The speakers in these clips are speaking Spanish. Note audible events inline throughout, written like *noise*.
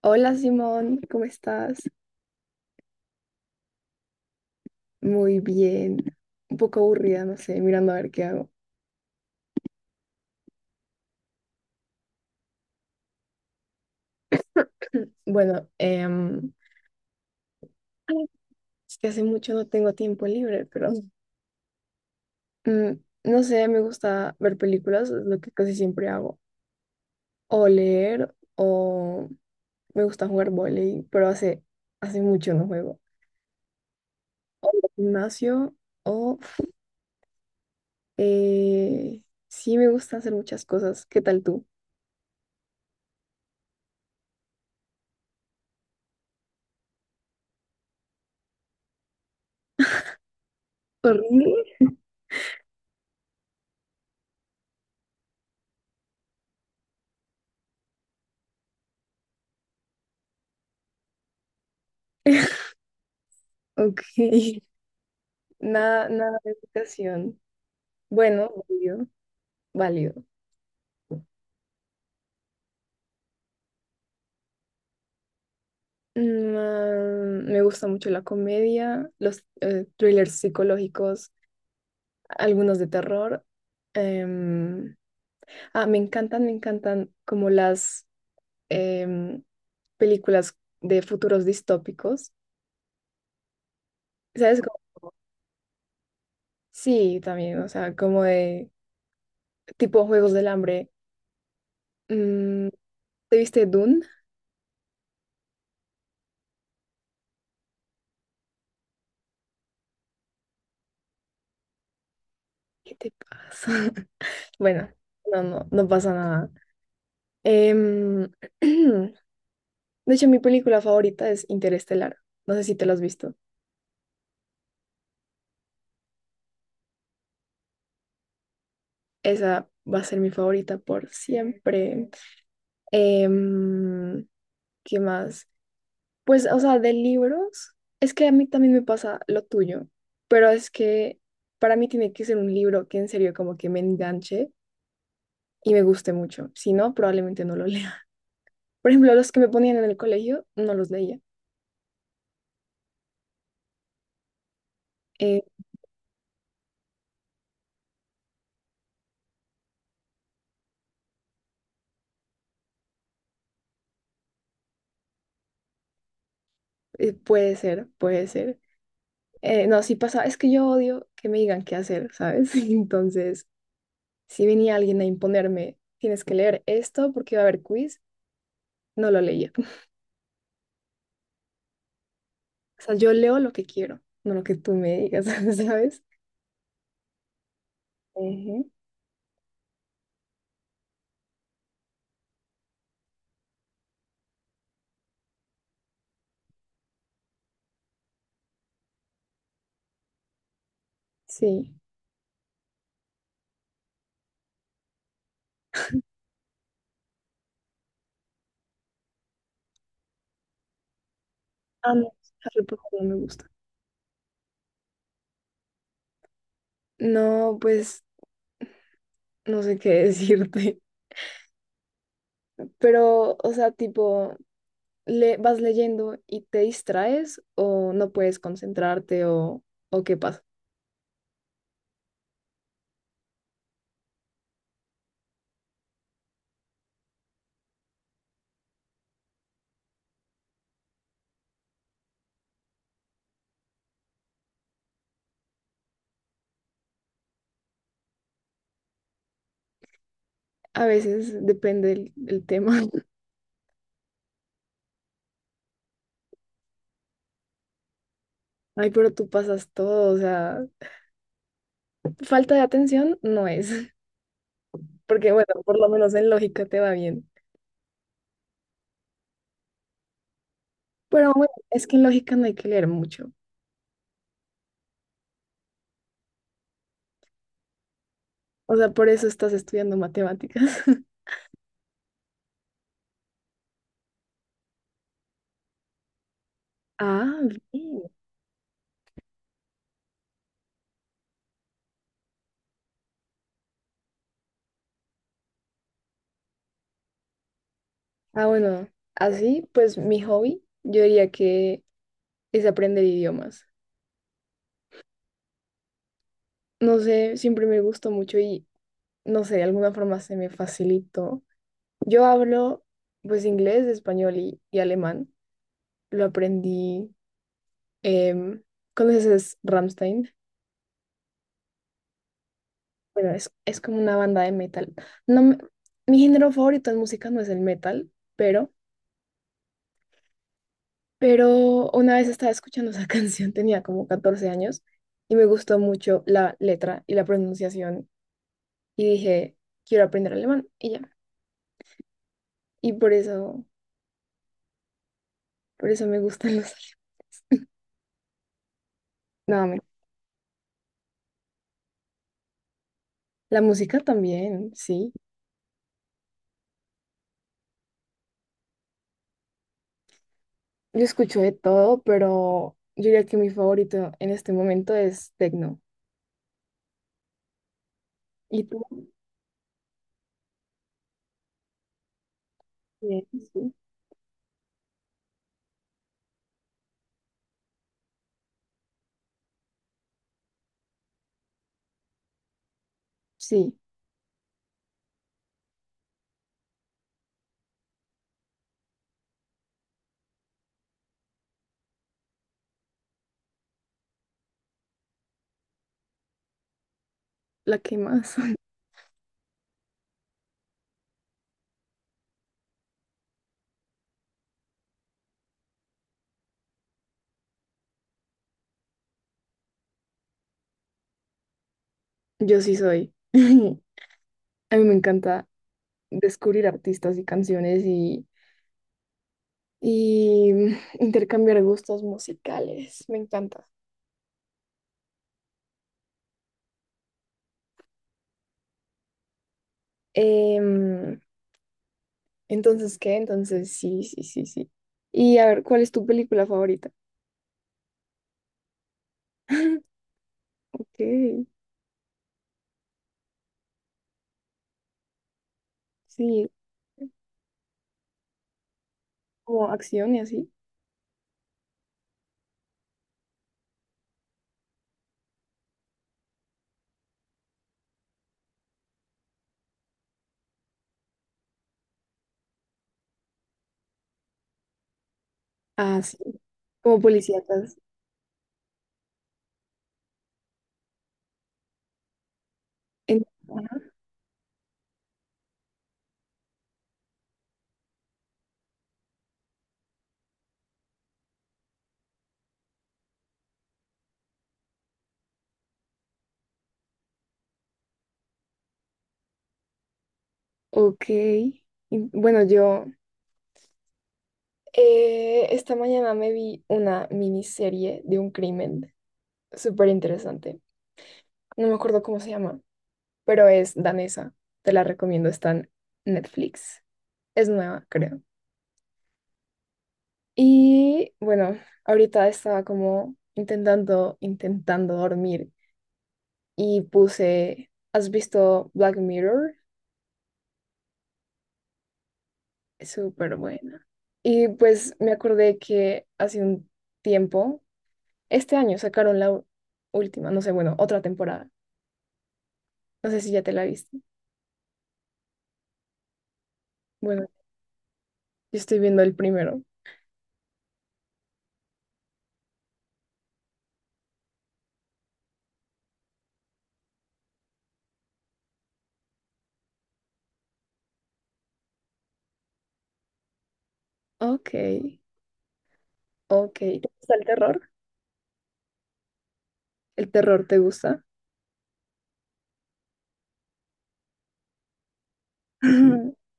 Hola Simón, ¿cómo estás? Muy bien. Un poco aburrida, no sé, mirando a ver qué hago. Bueno, es que hace mucho no tengo tiempo libre, pero mm, no sé, me gusta ver películas, es lo que casi siempre hago. O leer, o me gusta jugar vóley, pero hace mucho no juego. Gimnasio, o eh, sí me gusta hacer muchas cosas. ¿Qué tal tú? ¿Horrible? *laughs* Ok, nada, nada de educación. Bueno, válido, válido. Me gusta mucho la comedia, los thrillers psicológicos, algunos de terror. Em, Me encantan, me encantan como las em, películas de futuros distópicos. ¿Sabes? Sí, también, o sea, como de tipo Juegos del Hambre. Mm, ¿te viste Dune? ¿Qué te pasa? *laughs* Bueno, no pasa nada. Em, *clears throat* De hecho, mi película favorita es Interestelar. No sé si te la has visto. Esa va a ser mi favorita por siempre. Em, ¿Qué más? Pues, o sea, de libros, es que a mí también me pasa lo tuyo, pero es que para mí tiene que ser un libro que en serio como que me enganche y me guste mucho. Si no, probablemente no lo lea. *laughs* Por ejemplo, los que me ponían en el colegio, no los leía. Eh, puede ser, puede ser. No, sí pasa, es que yo odio que me digan qué hacer, ¿sabes? *laughs* Entonces... Si venía alguien a imponerme, tienes que leer esto porque va a haber quiz, no lo leía. *laughs* O sea, yo leo lo que quiero, no lo que tú me digas, *laughs* ¿sabes? Ujú. Sí. Ah, no, Harry Potter no me gusta. No, pues no sé qué decirte. *laughs* Pero, o sea, tipo, le vas leyendo y te distraes o no puedes concentrarte o qué pasa. A veces depende el tema. *laughs* Ay, pero tú pasas todo, o sea, falta de atención no es. Porque bueno, por lo menos en lógica te va bien. Pero bueno, es que en lógica no hay que leer mucho. O sea, por eso estás estudiando matemáticas. *laughs* Ah, bien. Ah, bueno, así pues mi hobby, yo diría que es aprender idiomas. No sé, siempre me gustó mucho y no sé, de alguna forma se me facilitó. Yo hablo pues inglés, español y alemán. Lo aprendí, em, ¿conoces Ramstein? Bueno, es como una banda de metal. No, me- Mi género favorito en música no es el metal, pero, pero una vez estaba escuchando esa *laughs* canción, tenía como 14 años, y me gustó mucho la letra y la pronunciación, y dije, quiero aprender alemán, y ya. Y por eso, por eso me gustan los alemanes. No, me- La música también, sí. Yo escucho de todo, pero yo diría que mi favorito en este momento es techno. ¿Y tú? Bien. Sí, sí, la que más. *laughs* Yo sí soy. *laughs* A mí me encanta descubrir artistas y canciones y intercambiar gustos musicales. Me encanta. Em, entonces, ¿qué? Entonces, sí, sí, sí, sí. Y a ver, ¿cuál es tu película favorita? *laughs* Ok, sí, como acción y así. Ah, sí, como policíacas. En- Ok. Bueno, yo esta mañana me vi una miniserie de un crimen súper interesante. No me acuerdo cómo se llama, pero es danesa. Te la recomiendo, está en Netflix. Es nueva, creo. Y bueno, ahorita estaba como intentando dormir y puse, ¿has visto Black Mirror? Es súper buena. Y pues me acordé que hace un tiempo, este año sacaron última, no sé, bueno, otra temporada. No sé si ya te la viste. Bueno, yo estoy viendo el primero. Ok, ok. ¿Te gusta el terror? ¿El terror te gusta? Ujú. *laughs*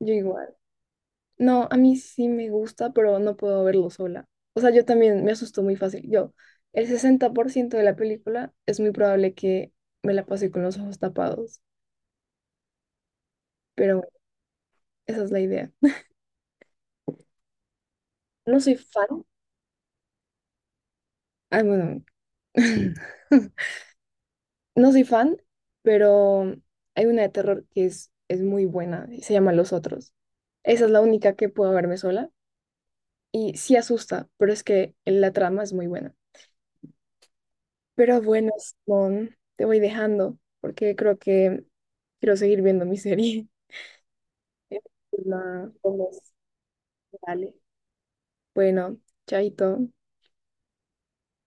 Yo igual. No, a mí sí me gusta, pero no puedo verlo sola. O sea, yo también me asusto muy fácil. Yo, el 60% de la película es muy probable que me la pase con los ojos tapados, pero bueno, esa es la idea. No soy fan. Ah, bueno, *laughs* no soy fan, pero hay una de terror que es muy buena y se llama Los Otros. Esa es la única que puedo verme sola y sí asusta, pero es que la trama es muy buena. Pero bueno, Simón, te voy dejando porque creo que quiero seguir viendo mi serie. *laughs* Entonces, nada, pues, dale. Bueno, chaito.